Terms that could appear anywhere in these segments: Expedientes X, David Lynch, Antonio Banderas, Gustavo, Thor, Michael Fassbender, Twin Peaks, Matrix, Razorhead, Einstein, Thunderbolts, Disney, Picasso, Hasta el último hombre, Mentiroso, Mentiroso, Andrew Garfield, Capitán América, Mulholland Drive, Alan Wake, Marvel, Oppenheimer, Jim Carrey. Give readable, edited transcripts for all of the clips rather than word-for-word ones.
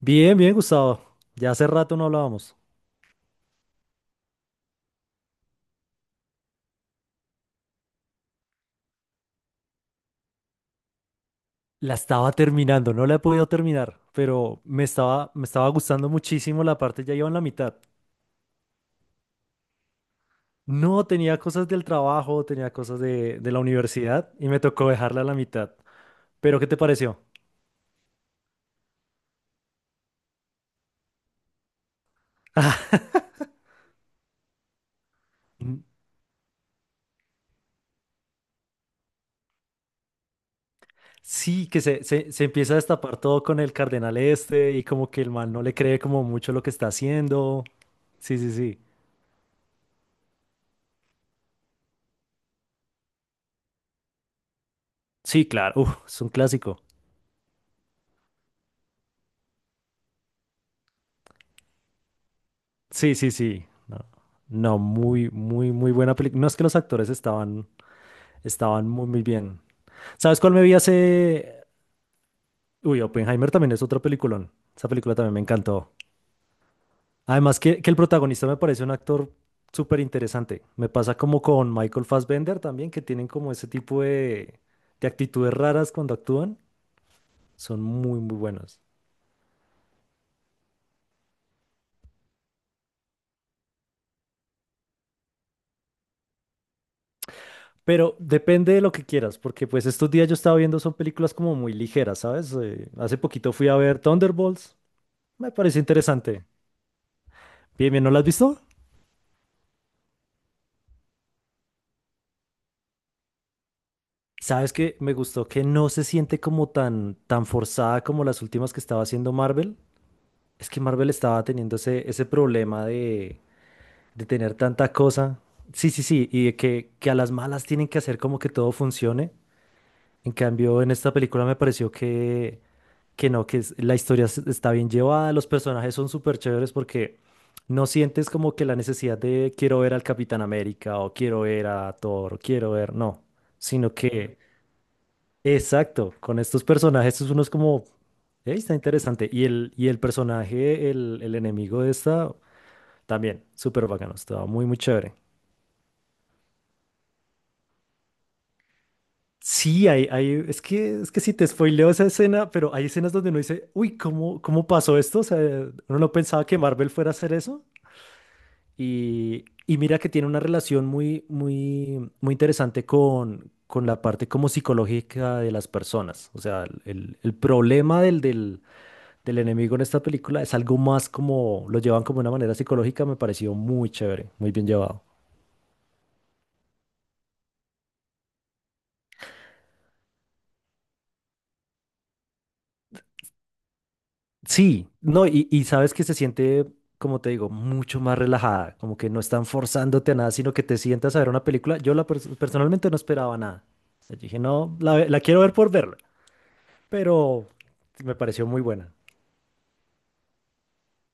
Bien, bien, Gustavo. Ya hace rato no hablábamos. La estaba terminando, no la he podido terminar, pero me estaba gustando muchísimo la parte, ya iba en la mitad. No, tenía cosas del trabajo, tenía cosas de la universidad y me tocó dejarla a la mitad. Pero, ¿qué te pareció? Mm, Sí, que se empieza a destapar todo con el cardenal este y como que el mal no le cree como mucho lo que está haciendo. Sí, sí, sí. Sí, claro, uf, es un clásico. Sí, sí, sí. No, no, muy, muy, muy buena película. No es que los actores estaban muy, muy bien. ¿Sabes cuál me vi hace? Uy, Oppenheimer también es otro peliculón. Esa película también me encantó. Además que el protagonista me parece un actor súper interesante. Me pasa como con Michael Fassbender también, que tienen como ese tipo de actitudes raras cuando actúan. Son muy, muy buenos. Pero depende de lo que quieras, porque pues estos días yo estaba viendo son películas como muy ligeras, ¿sabes? Hace poquito fui a ver Thunderbolts, me pareció interesante. Bien, bien, ¿no la has visto? Sabes que me gustó que no se siente como tan, tan forzada como las últimas que estaba haciendo Marvel. Es que Marvel estaba teniendo ese problema de tener tanta cosa. Sí, sí, sí, y de que a las malas tienen que hacer como que todo funcione. En cambio, en esta película me pareció que no, que la historia está bien llevada, los personajes son súper chéveres porque no sientes como que la necesidad de quiero ver al Capitán América o quiero ver a Thor, o quiero ver, no, sino que, exacto, con estos personajes uno es como, "Ey, está interesante". Y el personaje, el enemigo de esta, también, súper bacano, estaba muy, muy chévere. Sí, es que si te spoileo esa escena, pero hay escenas donde uno dice, uy, ¿cómo pasó esto? O sea, uno no pensaba que Marvel fuera a hacer eso. Y mira que tiene una relación muy, muy, muy interesante con la parte como psicológica de las personas. O sea, el problema del enemigo en esta película es algo más como, lo llevan como de una manera psicológica, me pareció muy chévere, muy bien llevado. Sí, no, y sabes que se siente, como te digo, mucho más relajada, como que no están forzándote a nada, sino que te sientas a ver una película. Yo la personalmente no esperaba nada. O sea, yo dije, no, la quiero ver por verla, pero me pareció muy buena.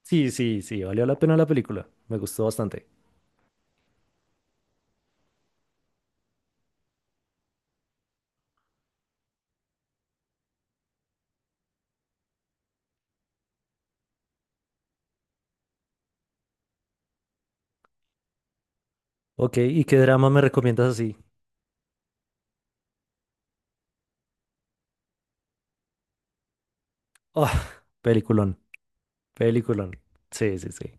Sí, sí, sí, valió la pena la película, me gustó bastante. Ok, ¿y qué drama me recomiendas así? Oh, peliculón, peliculón. Sí, sí, sí.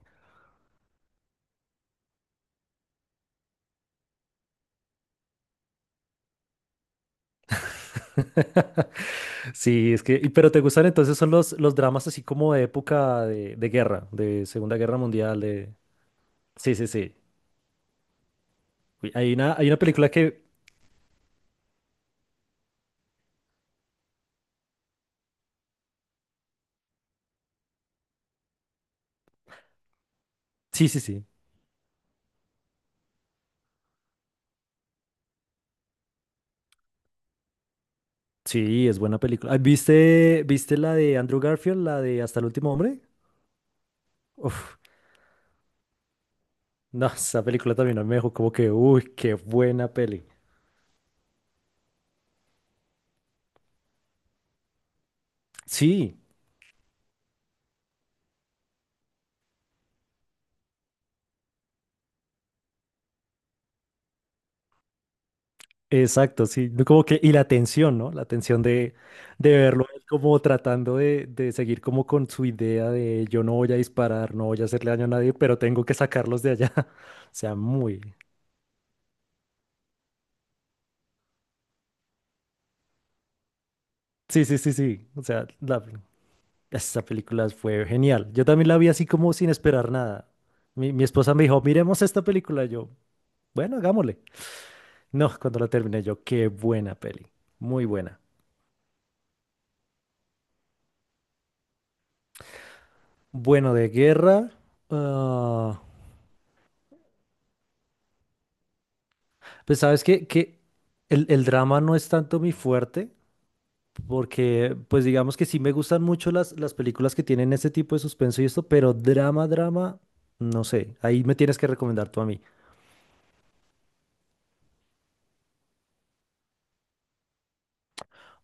Sí, es que, pero ¿te gustan entonces son los dramas así como de época de guerra, de Segunda Guerra Mundial, de... Sí, sí, sí. Uy, hay una película que. Sí, sí, sí. Sí, es buena película. Ah, viste la de Andrew Garfield, la de Hasta el último hombre? Uf, no, esa película también a mí me dejó como que, uy, qué buena peli. Sí, exacto, sí, no, como que, y la tensión, ¿no? La tensión de verlo él como tratando de seguir como con su idea de yo no voy a disparar, no voy a hacerle daño a nadie, pero tengo que sacarlos de allá. O sea, muy. Sí, sí, sí, sí. O sea, la, esta película fue genial. Yo también la vi así como sin esperar nada. Mi esposa me dijo, miremos esta película. Yo, bueno, hagámosle. No, cuando la terminé yo, qué buena peli. Muy buena. Bueno, de guerra. ah, pues sabes que el drama no es tanto mi fuerte, porque pues digamos que sí me gustan mucho las películas que tienen ese tipo de suspenso y esto, pero drama, drama, no sé. Ahí me tienes que recomendar tú a mí.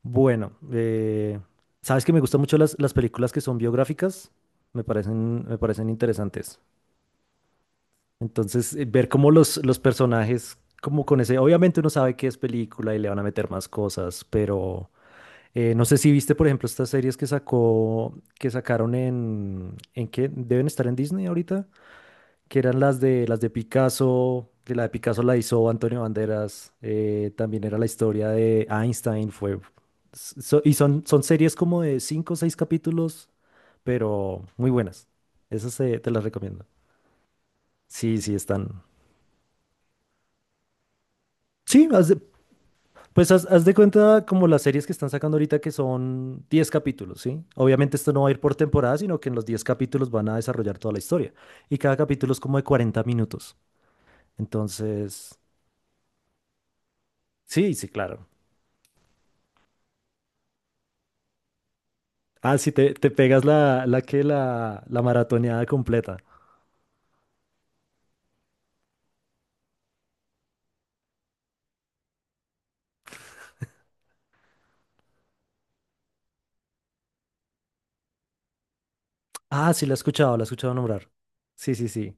Bueno, sabes que me gustan mucho las películas que son biográficas, me parecen interesantes. Entonces, ver cómo los personajes, como con ese, obviamente uno sabe que es película y le van a meter más cosas, pero no sé si viste, por ejemplo, estas series que sacaron ¿en qué? ¿Deben estar en Disney ahorita? Que eran las de Picasso, que la de Picasso la hizo Antonio Banderas, también era la historia de Einstein, fue y son series como de cinco o seis capítulos, pero muy buenas. Esas te las recomiendo. Sí, sí, están. Sí, pues haz de cuenta como las series que están sacando ahorita que son 10 capítulos, ¿sí? Obviamente esto no va a ir por temporada, sino que en los 10 capítulos van a desarrollar toda la historia. Y cada capítulo es como de 40 minutos. Entonces, sí, sí, claro. Ah, sí, te pegas la maratoneada completa. Ah, sí, la he escuchado nombrar. Sí, sí, sí.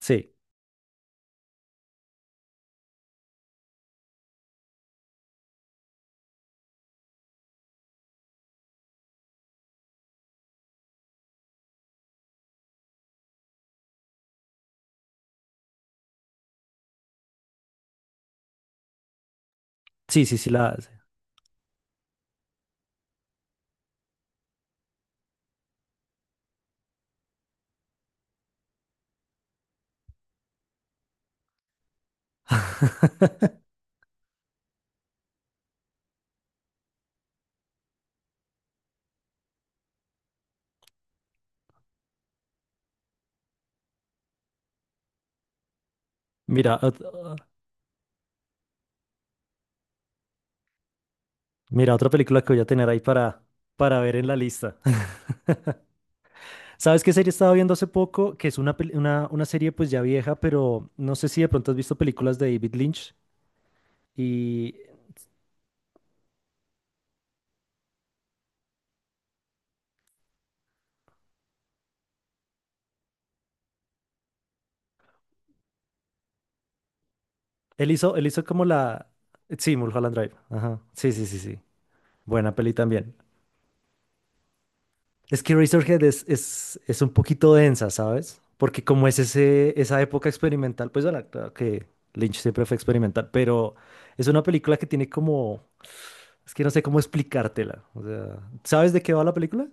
Sí, sí, sí, sí, la. Mira, ot- mira, otra película que voy a tener ahí para ver en la lista. ¿Sabes qué serie estaba viendo hace poco? Que es una serie pues ya vieja, pero no sé si de pronto has visto películas de David Lynch. Y él hizo como la... Sí, Mulholland Drive. Ajá. Sí, sí, sí, sí. Buena peli también. Es que Razorhead es un poquito densa, ¿sabes? Porque como es esa época experimental, pues bueno, claro que Lynch siempre fue experimental, pero es una película que tiene como, es que no sé cómo explicártela. O sea, ¿sabes de qué va la película?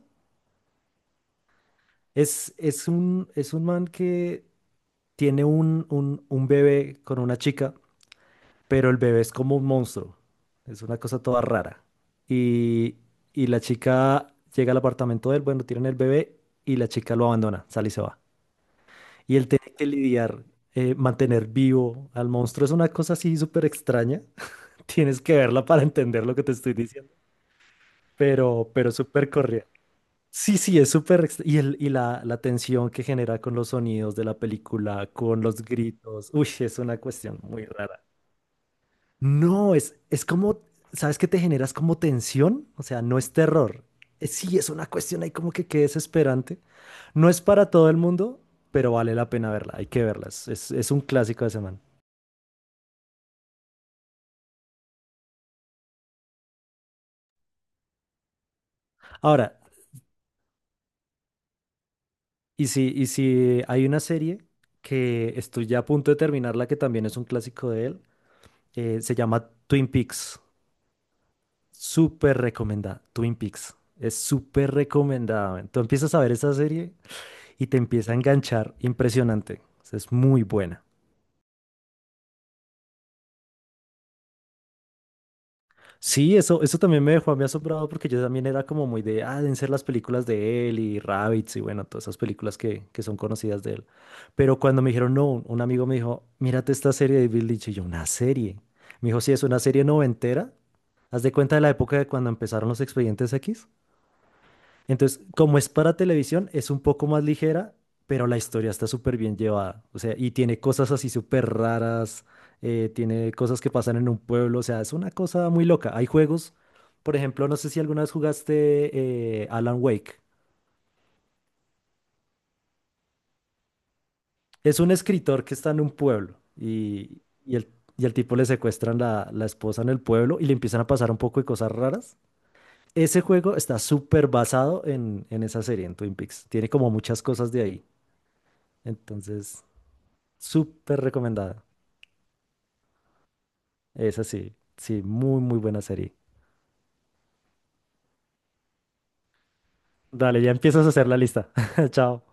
Es un man que tiene un bebé con una chica, pero el bebé es como un monstruo. Es una cosa toda rara. Y, y la chica llega al apartamento de él, bueno, tienen el bebé y la chica lo abandona, sale y se va. Y el tener que lidiar, mantener vivo al monstruo es una cosa así súper extraña. Tienes que verla para entender lo que te estoy diciendo. Pero súper correa. Sí, sí, es súper... y la tensión que genera con los sonidos de la película, con los gritos. Uy, es una cuestión muy rara. No, es como... ¿Sabes qué te generas como tensión? O sea, no es terror. Sí, es una cuestión ahí como que desesperante. No es para todo el mundo, pero vale la pena verla, hay que verla, es un clásico de semana. Ahora, y si hay una serie que estoy ya a punto de terminarla, que también es un clásico de él, se llama Twin Peaks, súper recomendada, Twin Peaks, es súper recomendada, man. Tú empiezas a ver esa serie y te empieza a enganchar, impresionante, o sea, es muy buena. Sí, eso también me dejó a mí asombrado porque yo también era como muy de, ah, deben ser las películas de él y Rabbits y bueno, todas esas películas que son conocidas de él. Pero cuando me dijeron, no, un amigo me dijo, mírate esta serie de Bill Lynch y yo, una serie. Me dijo, sí, es una serie noventera. Haz de cuenta de la época de cuando empezaron los Expedientes X. Entonces, como es para televisión, es un poco más ligera, pero la historia está súper bien llevada. O sea, y tiene cosas así súper raras, tiene cosas que pasan en un pueblo, o sea, es una cosa muy loca. Hay juegos, por ejemplo, no sé si alguna vez jugaste Alan Wake. Es un escritor que está en un pueblo y al tipo le secuestran la esposa en el pueblo y le empiezan a pasar un poco de cosas raras. Ese juego está súper basado en esa serie, en Twin Peaks. Tiene como muchas cosas de ahí. Entonces... Súper recomendada. Esa sí, sí, muy, muy buena serie. Dale, ya empiezas a hacer la lista. Chao.